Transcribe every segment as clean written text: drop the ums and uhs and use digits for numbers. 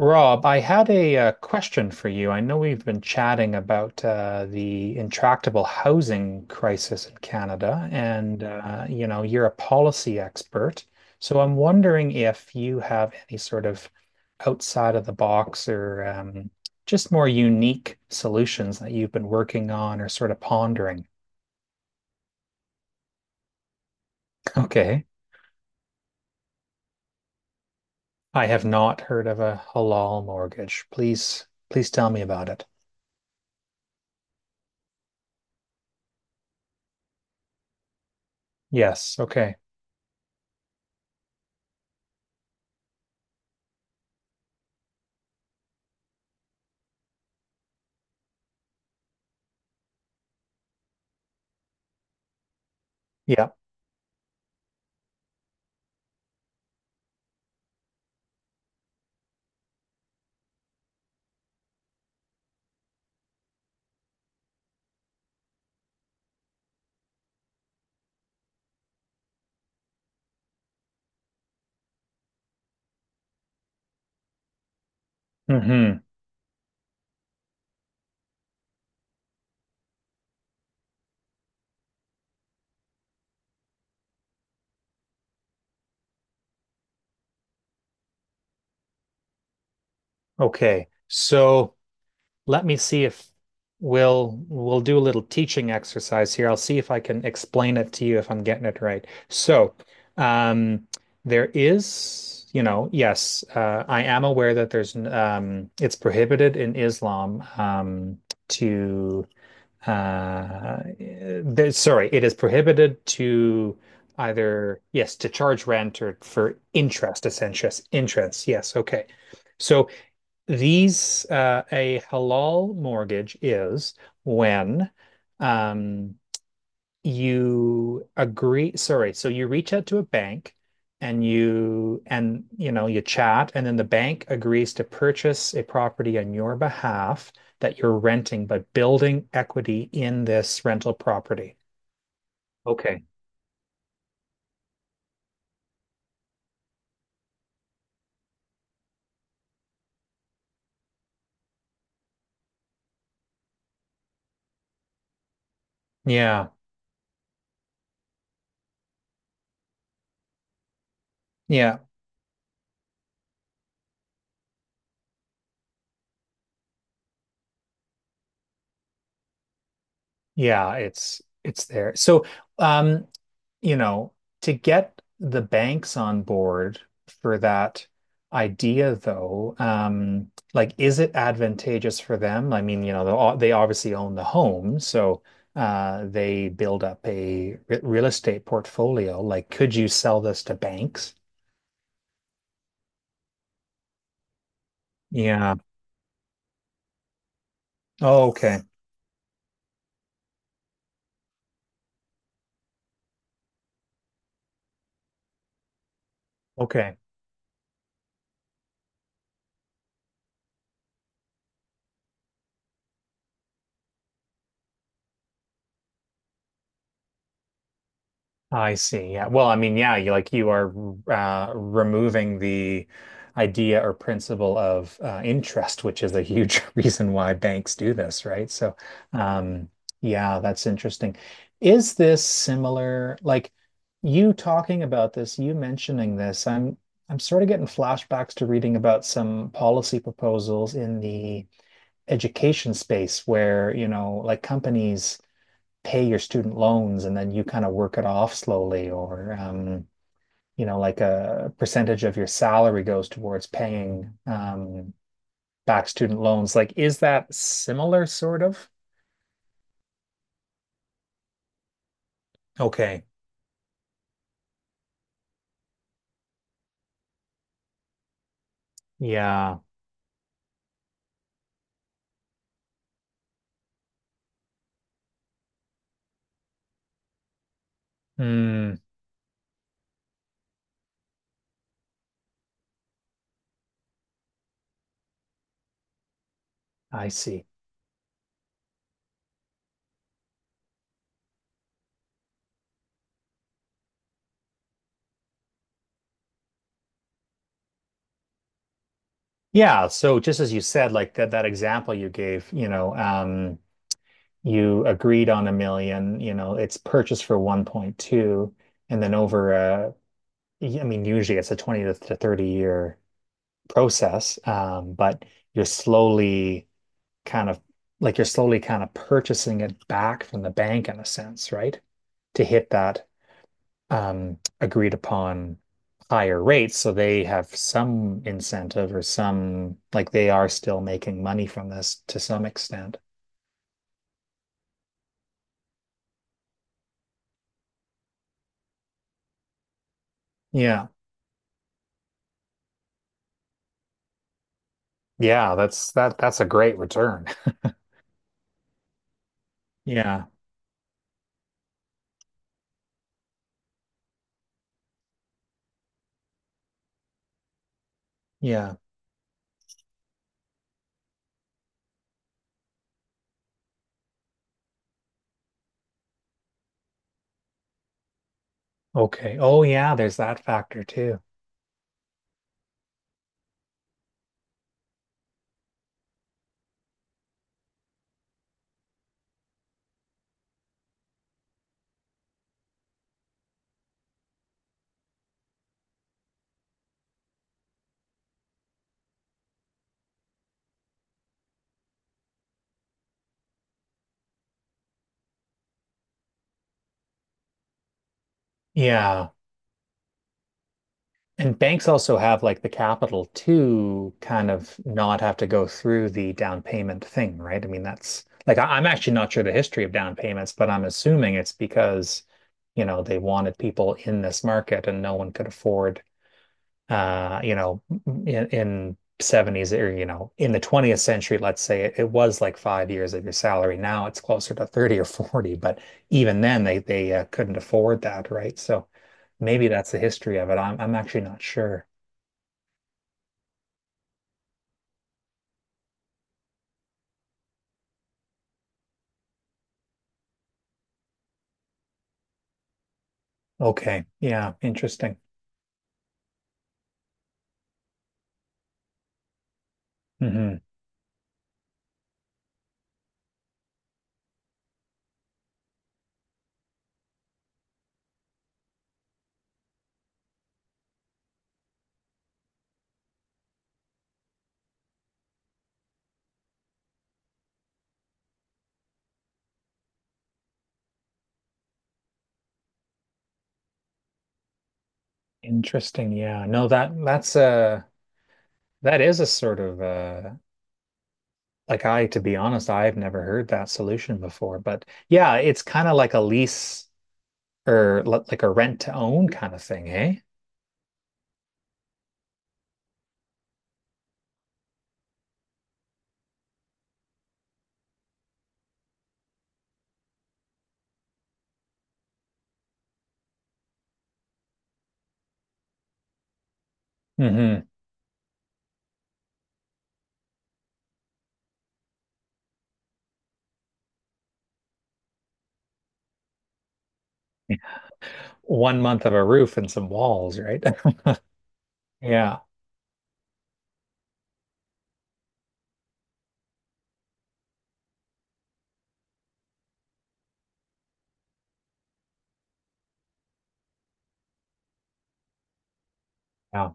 Rob, I had a question for you. I know we've been chatting about the intractable housing crisis in Canada, and you're a policy expert. So I'm wondering if you have any sort of outside of the box or just more unique solutions that you've been working on or sort of pondering. Okay. I have not heard of a halal mortgage. Please, please tell me about it. Yes. Okay. Yeah. Hmm. Okay, so let me see if we'll do a little teaching exercise here. I'll see if I can explain it to you if I'm getting it right. So, um, there is, yes, I am aware that there's it's prohibited in Islam to there, sorry, it is prohibited to either yes to charge rent or for interest, essentially yes, interest. Yes, okay. So these a halal mortgage is when um, you agree. Sorry, so you reach out to a bank and you chat, and then the bank agrees to purchase a property on your behalf that you're renting by building equity in this rental property. Okay. Yeah, yeah, yeah. It's there. So, um, you know, to get the banks on board for that idea, though, like, is it advantageous for them? I mean, they obviously own the home, so they build up a real estate portfolio. Like, could you sell this to banks? Yeah. Oh, okay. Okay. I see. Yeah. Well, I mean, yeah, you are removing the idea or principle of interest, which is a huge reason why banks do this, right? So, um, yeah, that's interesting. Is this similar? Like you talking about this, you mentioning this, I'm sort of getting flashbacks to reading about some policy proposals in the education space where, like companies pay your student loans and then you kind of work it off slowly or like a percentage of your salary goes towards paying back student loans like is that similar sort of. Okay. Yeah. Hmm. I see. Yeah, so just as you said like that example you gave you agreed on a million it's purchased for 1.2 and then over a I mean, usually it's a 20 to 30 year process, but you're slowly kind of you're slowly kind of purchasing it back from the bank in a sense, right? To hit that agreed upon higher rates. So they have some incentive or some like they are still making money from this to some extent. Yeah. Yeah, that's a great return. Yeah. Yeah. Okay. Oh yeah, there's that factor too. Yeah. And banks also have like the capital to kind of not have to go through the down payment thing, right? I mean, that's like I'm actually not sure the history of down payments, but I'm assuming it's because, they wanted people in this market and no one could afford, uh, you know, in 70s or, in the 20th century, let's say it was like 5 years of your salary. Now it's closer to 30 or 40, but even then they couldn't afford that, right? So maybe that's the history of it. I'm actually not sure. Okay. Yeah. Interesting. Hmm. Interesting. Yeah. No, that is a sort of like to be honest, I've never heard that solution before. But yeah, it's kind of like a lease or like a rent to own kind of thing, eh? Hmm. 1 month of a roof and some walls, right? Yeah. Yeah.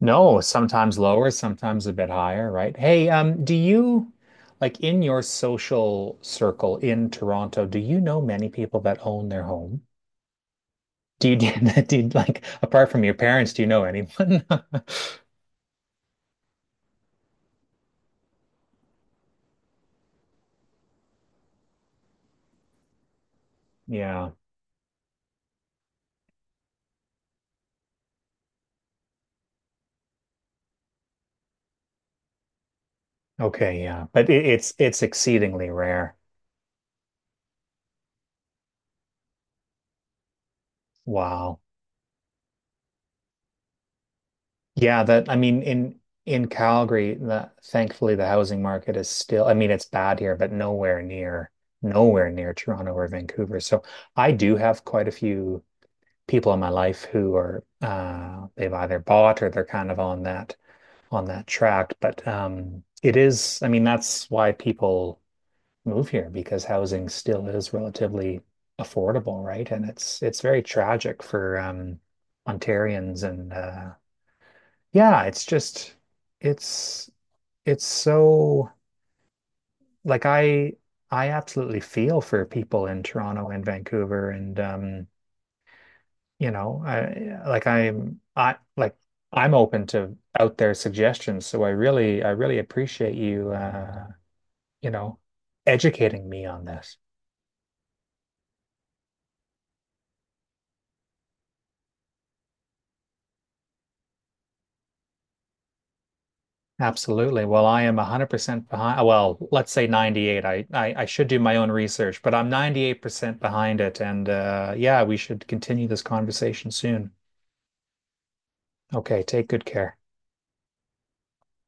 No, sometimes lower, sometimes a bit higher, right? Hey, do you like in your social circle in Toronto, do you know many people that own their home? Do you like apart from your parents, do you know anyone? Yeah. Okay, yeah. But it's exceedingly rare. Wow. Yeah, that I mean in Calgary, the, thankfully the housing market is still, I mean, it's bad here, but nowhere near Toronto or Vancouver. So I do have quite a few people in my life who are they've either bought or they're kind of on that track. But it is, I mean, that's why people move here because housing still is relatively affordable, right? And it's very tragic for Ontarians and yeah, it's just it's it's so like I absolutely feel for people in Toronto and Vancouver and you know, I like I'm I like I'm open to out there suggestions. So I really appreciate you you know, educating me on this. Absolutely. Well, I am 100% behind. Well, let's say 98. I should do my own research, but I'm 98% behind it. And yeah, we should continue this conversation soon. Okay, take good care.